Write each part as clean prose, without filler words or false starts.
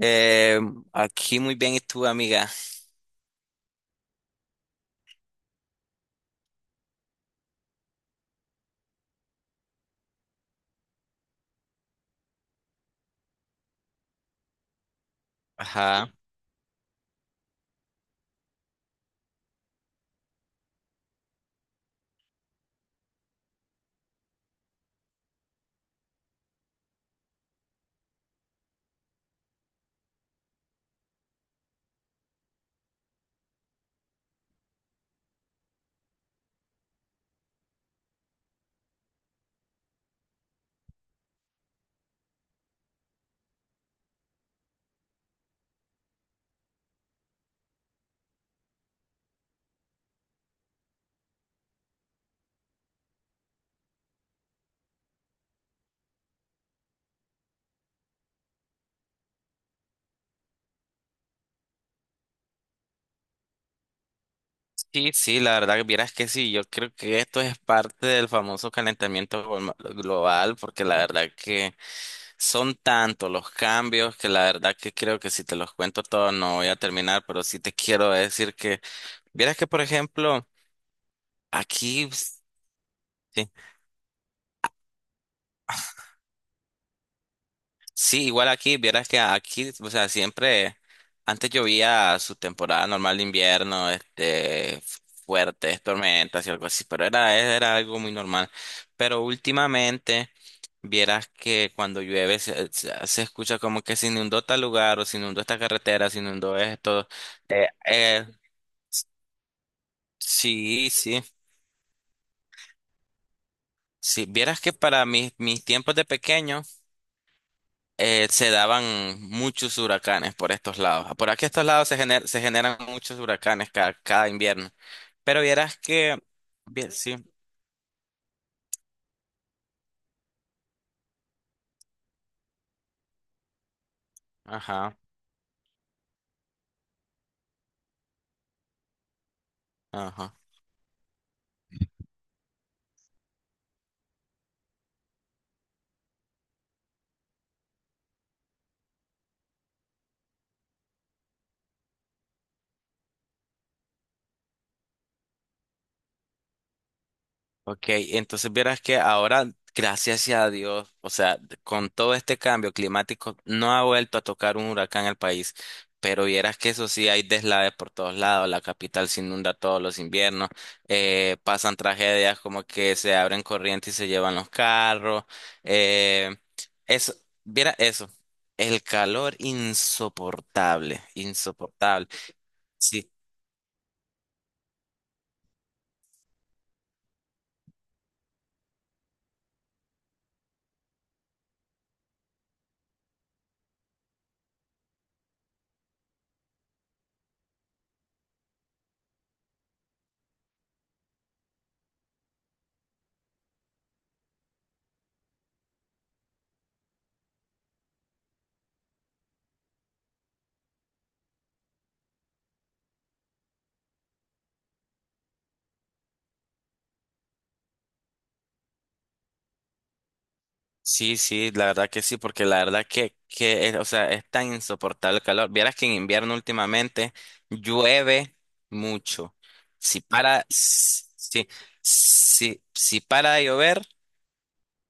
Eh, Aquí muy bien, ¿y tú, amiga? Ajá. Sí, sí, la verdad que vieras que sí, yo creo que esto es parte del famoso calentamiento global, porque la verdad que son tantos los cambios que la verdad que creo que si te los cuento todos no voy a terminar, pero sí te quiero decir que, vieras que, por ejemplo, aquí sí. Sí, igual aquí, vieras que aquí, o sea, siempre, antes llovía su temporada normal de invierno, este, fuertes tormentas y algo así, pero era algo muy normal. Pero últimamente, vieras que cuando llueve se escucha como que se inundó tal lugar, o se inundó esta carretera, se inundó esto. Eh, eh, sí, sí. Sí, vieras que para mis tiempos de pequeño, se daban muchos huracanes por estos lados. Por aquí estos lados se generan muchos huracanes cada invierno. Pero vieras que, bien, sí, ajá, ajá. Ok, entonces vieras que ahora, gracias a Dios, o sea, con todo este cambio climático, no ha vuelto a tocar un huracán al país, pero vieras que eso sí, hay deslaves por todos lados, la capital se inunda todos los inviernos, pasan tragedias como que se abren corrientes y se llevan los carros, eh, eso, viera eso, el calor insoportable, insoportable. Sí, sí, sí, la verdad que sí, porque la verdad que es, o sea, es tan insoportable el calor. Vieras que en invierno últimamente llueve mucho. Si para, si, si para de llover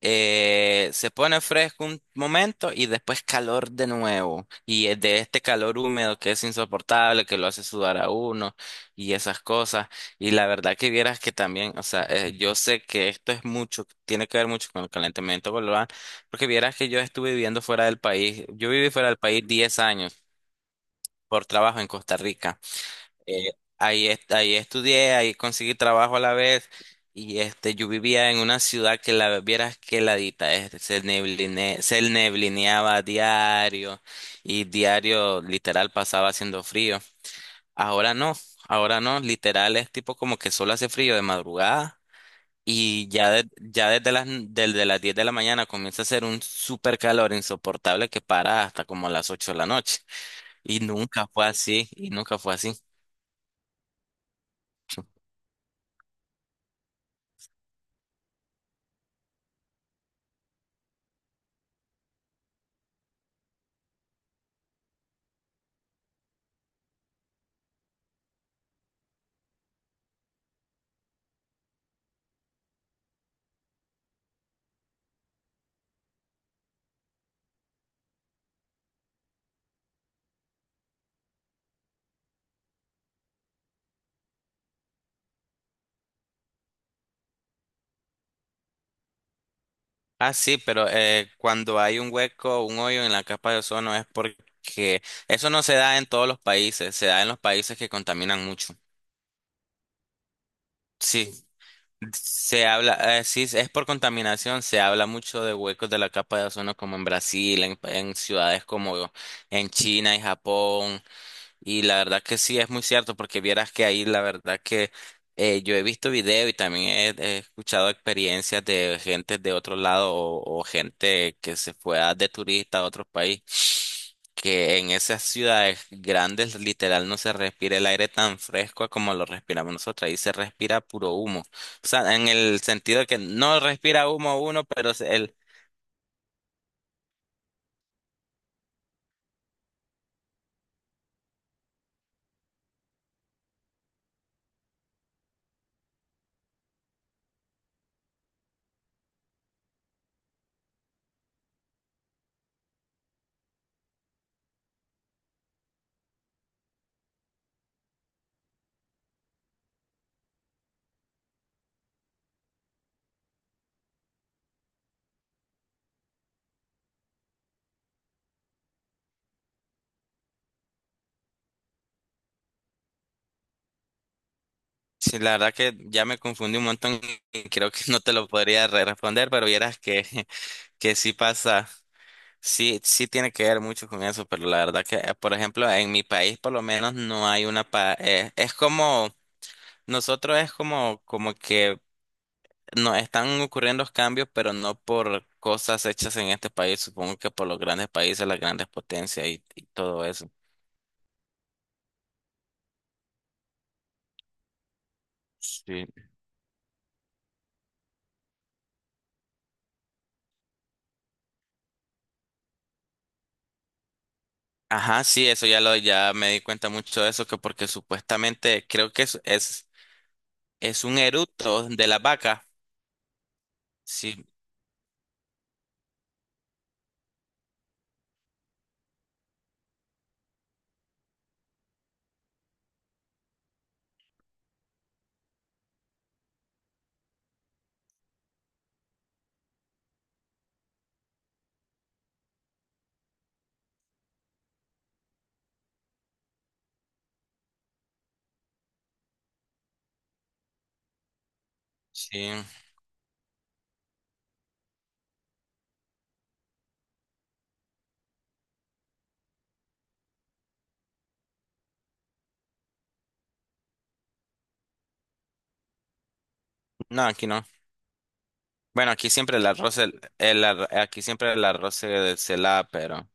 se pone fresco un momento y después calor de nuevo. Y es de este calor húmedo que es insoportable, que lo hace sudar a uno y esas cosas. Y la verdad que vieras que también, o sea, yo sé que esto es mucho, tiene que ver mucho con el calentamiento global, porque vieras que yo estuve viviendo fuera del país. Yo viví fuera del país 10 años por trabajo en Costa Rica. Eh, ahí estudié, ahí conseguí trabajo a la vez y este, yo vivía en una ciudad que la vieras que heladita, este, se neblineaba diario y diario literal pasaba haciendo frío. Ahora no, ahora no, literal es tipo como que solo hace frío de madrugada y ya desde las 10 de la mañana comienza a hacer un super calor insoportable que para hasta como las 8 de la noche y nunca fue así, y nunca fue así. Ah, sí, pero cuando hay un hueco, un hoyo en la capa de ozono es porque eso no se da en todos los países, se da en los países que contaminan mucho. Sí, se habla, sí, es por contaminación, se habla mucho de huecos de la capa de ozono como en Brasil, en ciudades como en China y Japón. Y la verdad que sí es muy cierto, porque vieras que ahí la verdad que yo he visto video y también he escuchado experiencias de gente de otro lado o gente que se fue de turista a otro país, que en esas ciudades grandes literal no se respira el aire tan fresco como lo respiramos nosotros, ahí se respira puro humo. O sea, en el sentido de que no respira humo uno, pero el. Sí, la verdad que ya me confundí un montón y creo que no te lo podría responder, pero vieras que que sí pasa, sí, sí tiene que ver mucho con eso, pero la verdad que, por ejemplo, en mi país por lo menos no hay una pa es como, nosotros es como, como que nos están ocurriendo los cambios, pero no por cosas hechas en este país, supongo que por los grandes países, las grandes potencias y todo eso. Sí. Ajá, sí, eso ya lo, ya me di cuenta mucho de eso, que porque supuestamente creo que es un eructo de la vaca. Sí, sí. No, aquí no. Bueno, aquí siempre el arroz, aquí siempre el arroz se lava, pero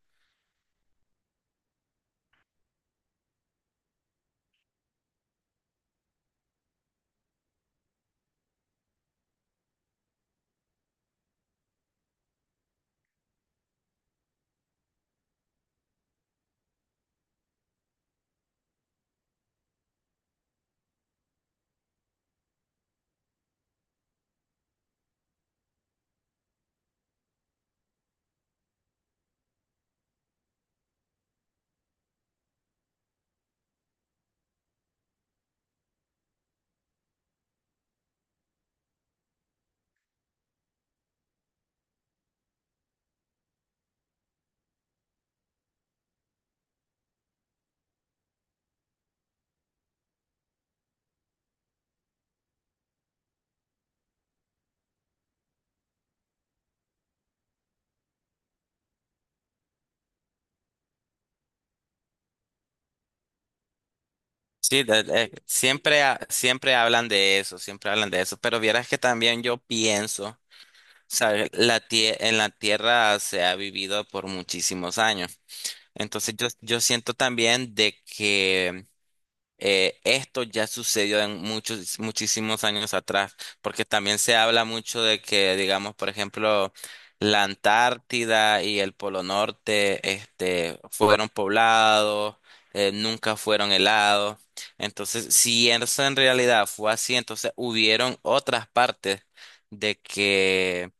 sí, siempre hablan de eso, siempre hablan de eso, pero vieras que también yo pienso, ¿sabes? En la tierra se ha vivido por muchísimos años, entonces yo siento también de que. Esto ya sucedió en muchos, muchísimos años atrás, porque también se habla mucho de que, digamos, por ejemplo, la Antártida y el Polo Norte, este, fueron poblados, nunca fueron helados. Entonces, si eso en realidad fue así, entonces hubieron otras partes de que,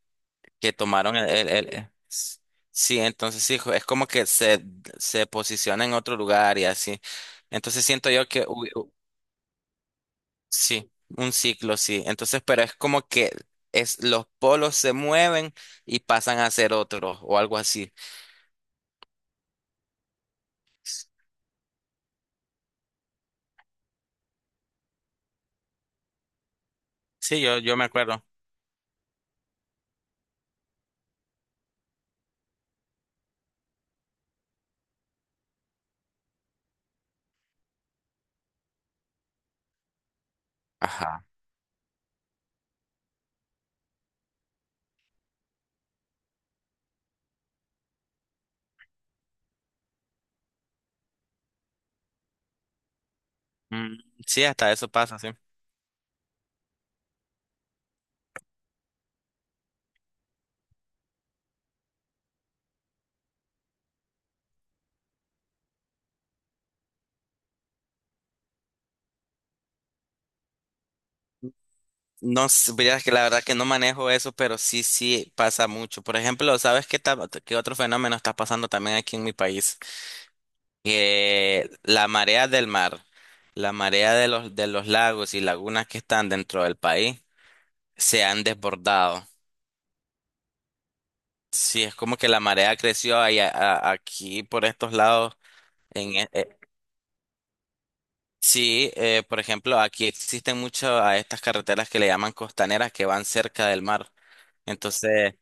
que tomaron el. Sí, entonces sí, es como que se posiciona en otro lugar y así. Entonces siento yo que. Sí, un ciclo, sí. Entonces, pero es como que los polos se mueven y pasan a ser otros o algo así. Sí, yo me acuerdo. Ajá. Mm, sí, hasta eso pasa, sí. No sé, vieras que la verdad que no manejo eso, pero sí, sí pasa mucho. Por ejemplo, ¿sabes qué otro fenómeno está pasando también aquí en mi país? Que la marea del mar, la marea de los lagos y lagunas que están dentro del país se han desbordado. Sí, es como que la marea creció ahí aquí por estos lados. En, e- eh, sí, por ejemplo, aquí existen muchas a estas carreteras que le llaman costaneras que van cerca del mar. Entonces,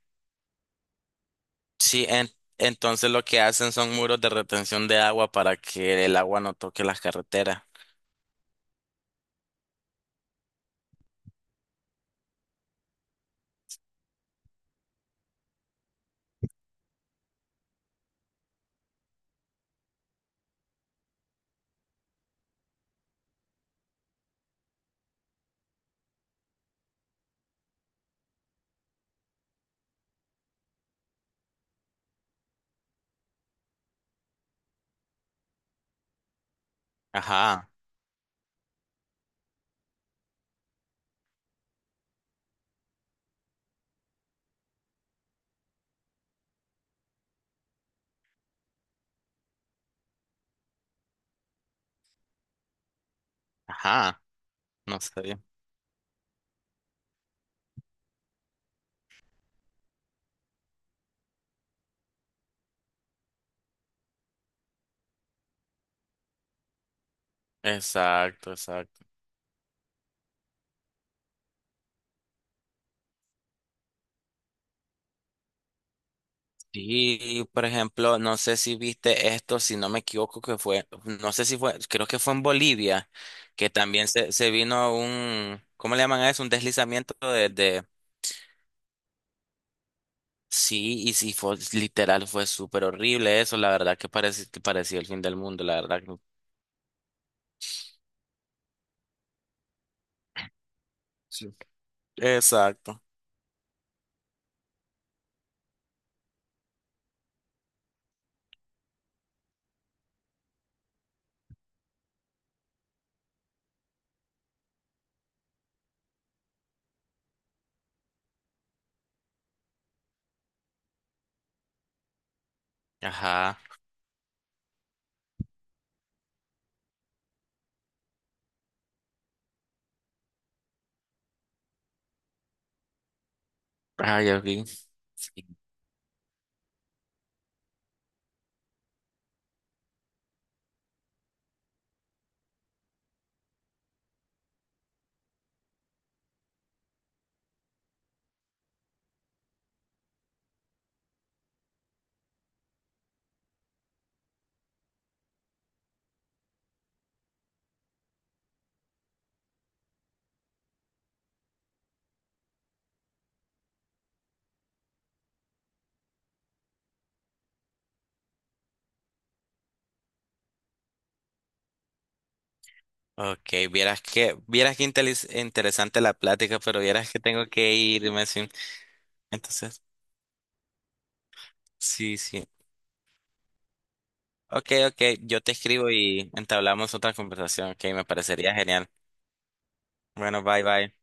sí, entonces lo que hacen son muros de retención de agua para que el agua no toque las carreteras. Ajá, ajá, no sé. Exacto, exacto. Sí, por ejemplo, no sé si viste esto, si no me equivoco, que fue, no sé si fue, creo que fue en Bolivia, que también se vino un, ¿cómo le llaman a eso? Un deslizamiento de. Sí, y sí, fue, literal, fue súper horrible eso, la verdad que parecía el fin del mundo, la verdad que. Sí. Exacto. Ajá. Ay, ok. Sí. Ok, vieras que interesante la plática, pero vieras que tengo que irme, sí. Entonces, sí, sí. Ok, ok, yo te escribo y entablamos otra conversación. Ok, me parecería genial. Bueno, bye, bye.